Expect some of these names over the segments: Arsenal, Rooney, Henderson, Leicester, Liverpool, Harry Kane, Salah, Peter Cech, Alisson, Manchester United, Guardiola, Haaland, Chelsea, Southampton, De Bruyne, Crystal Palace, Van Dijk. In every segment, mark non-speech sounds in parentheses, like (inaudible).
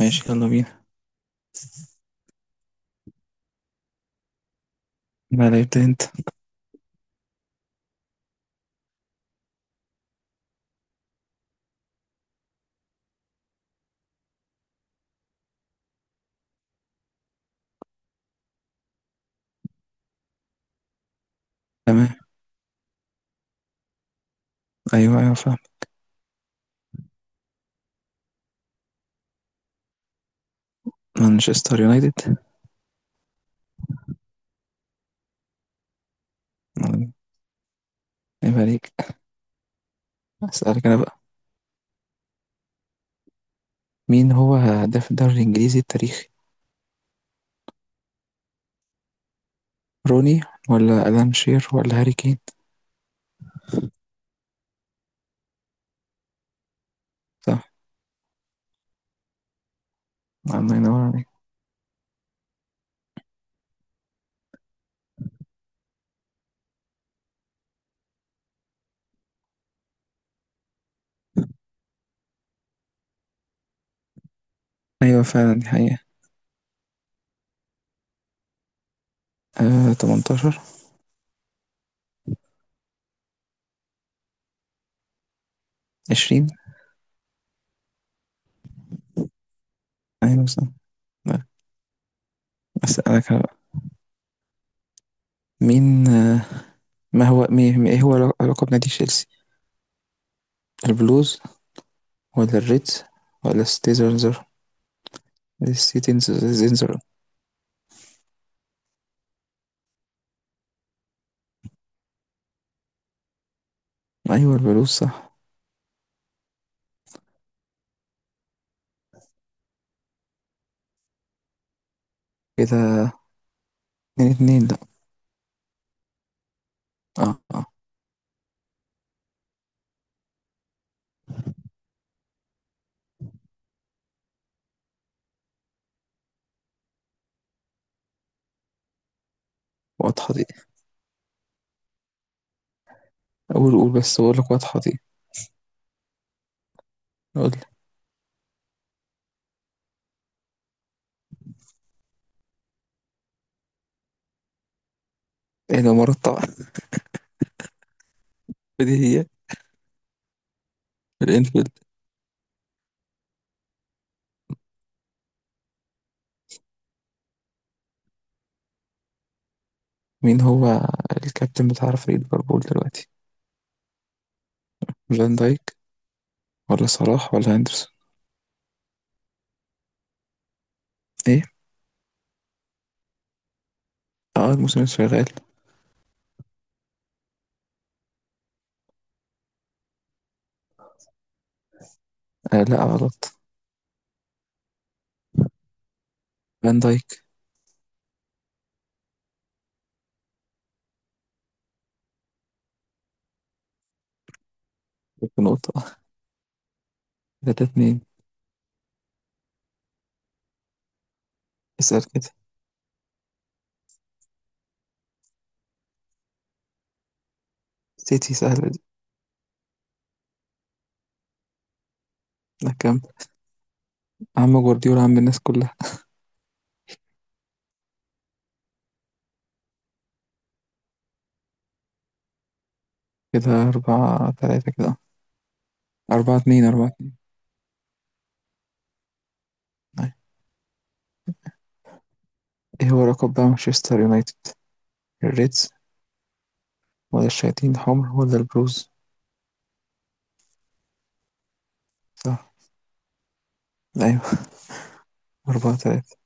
ماشي يلا بينا. لا لا ابدا انت. تمام. ايوه فاهم. مانشستر يونايتد. عيب عليك. اسالك انا بقى. مين هو هداف الدوري الانجليزي التاريخي؟ روني ولا الان شير ولا هاري كين؟ صح. الله ينور عليك. ايوه فعلا دي حقيقة. 18 20. ايوه صح. لا، اسالك انا بقى. مين ما هو ايه هو لقب نادي تشيلسي؟ البلوز ولا الريدز ولا الستيزرزر الستيتنزر؟ ايوه البلوز صح كده. اتنين اتنين. آه، آه، واضحة دي. قول قول، بس بقول لك واضحة دي. قول لي. ايه ده مرتب؟ (laughs) دي هي الانفيلد. مين هو الكابتن بتاع فريق ليفربول دلوقتي؟ فان دايك ولا صلاح ولا هندرسون؟ ايه. اه الموسم الشغال. لا غلط. فان دايك. بنقطة. تلاتة اتنين. اسأل كده. سيتي سهلة دي. لا كام. عم جوارديولا، عم الناس كلها. كده أربعة تلاتة كده. أربعة اتنين. أربعة اتنين. أيوة. ايه هو لقب بقى مانشستر يونايتد؟ الريدز ولا الشياطين الحمر ولا البلوز؟ صح. لا. أربعة تلاتة.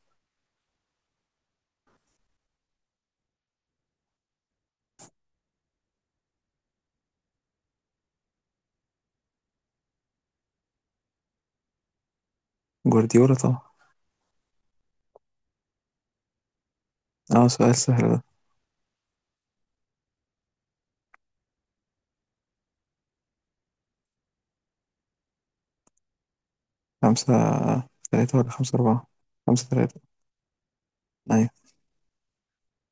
جوارديولا طبعا. اه سؤال سهل ده. خمسة تلاتة ولا خمسة أربعة؟ خمسة تلاتة. أيوة.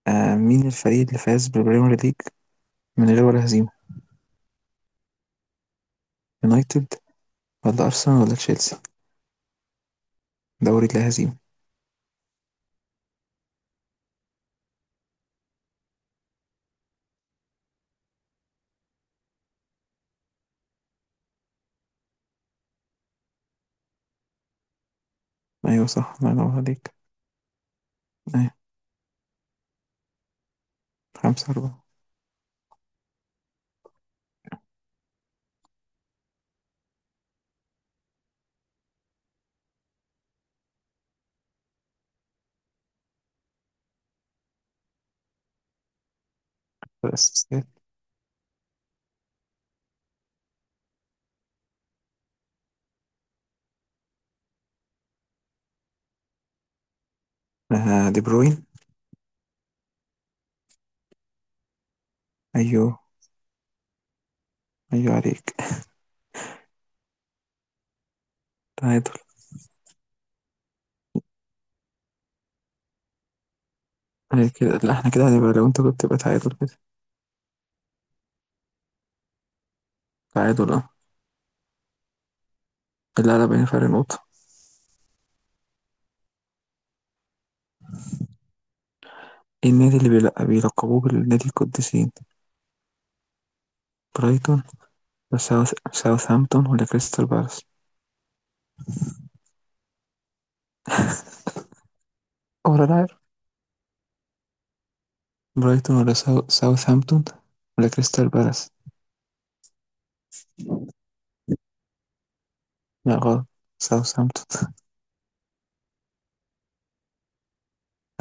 آه مين الفريق اللي فاز بالبريمير ليج من غير ولا هزيمة؟ يونايتد ولا أرسنال ولا تشيلسي؟ دوري لا هزيمة. أيوة صح، الله ينور عليك. أيوة. خمسة أربعة. الأساسيات. دي بروين. أيوه أيوه عليك. تعادل. أيوة كده. لا احنا كده هنبقى لو انت كنت تبقى تعادل كده. تعادل اه. لا بين فرق نقطة. إيه النادي اللي بيلقبوه بالنادي القديسين؟ برايتون. بس ساوث، ساوثهامبتون ولا كريستال بالاس ولا العير؟ برايتون ولا ساوثهامبتون ولا كريستال بالاس؟ لا غلط. ساوثهامبتون. (laughs)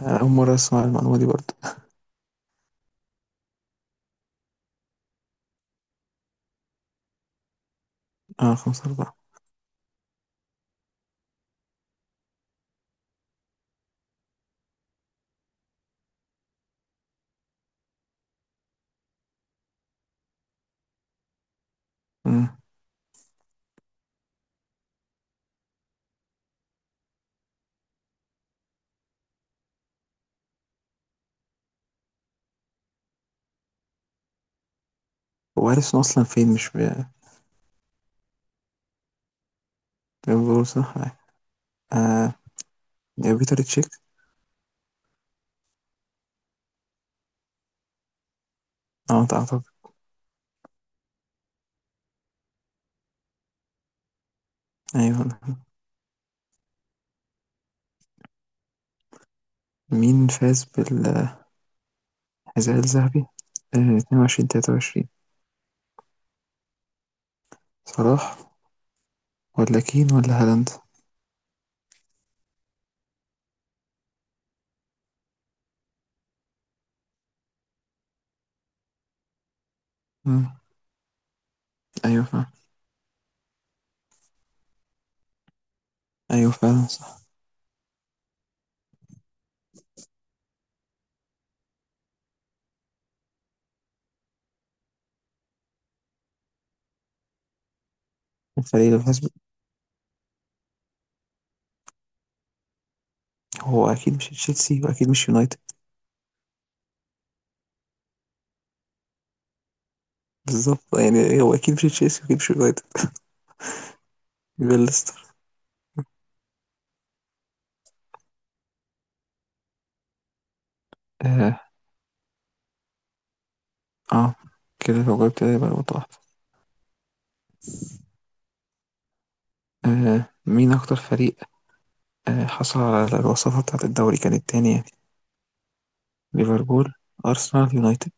أنا أول مرة أسمع المعلومة دي برضه. آه خمسة أربعة. أمم. هو أليسون أصلا فين؟ مش ب... بقول صح. آه يا بيتر تشيك. اه أعتقد. أيوه. مين فاز بالحذاء الذهبي اتنين وعشرين تلاتة وعشرين؟ صلاح ولا كين ولا هالاند؟ مم. أيوه فعلا. أيوه فعلا صح. الفريق اللي فاز هو أكيد مش تشيلسي وأكيد مش يونايتد. بالظبط، يعني هو أكيد مش تشيلسي وأكيد مش يونايتد. يبقى ليستر. آه. آه كده لو جبت ده يبقى نقطة واحدة. آه مين أكتر فريق حصل على الوصافة بتاعة الدوري، كانت تاني يعني؟ ليفربول، أرسنال، يونايتد؟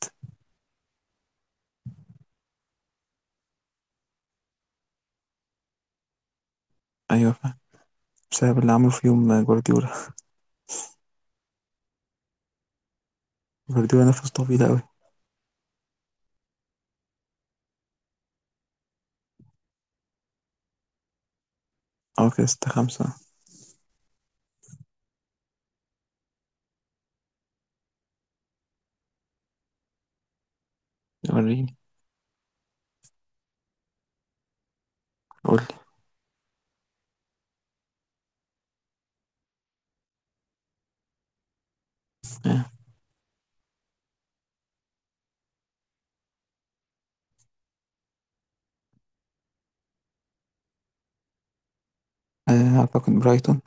أيوة فاهم. بسبب اللي عمله في يوم جوارديولا. جوارديولا نفس طويل أوي. أه كده ستة خمسة. وريني. قولي. آه. آه أعتقد برايتون.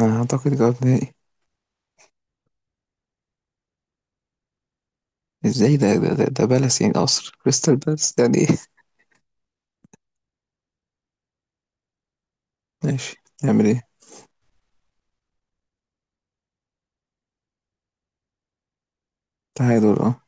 أنا أعتقد جواب نهائي. ازاي ده؟ ده بالاس يعني قصر، كريستال بالاس يعني ايه؟ (laughs) ماشي، نعمل ايه. تعادل اه.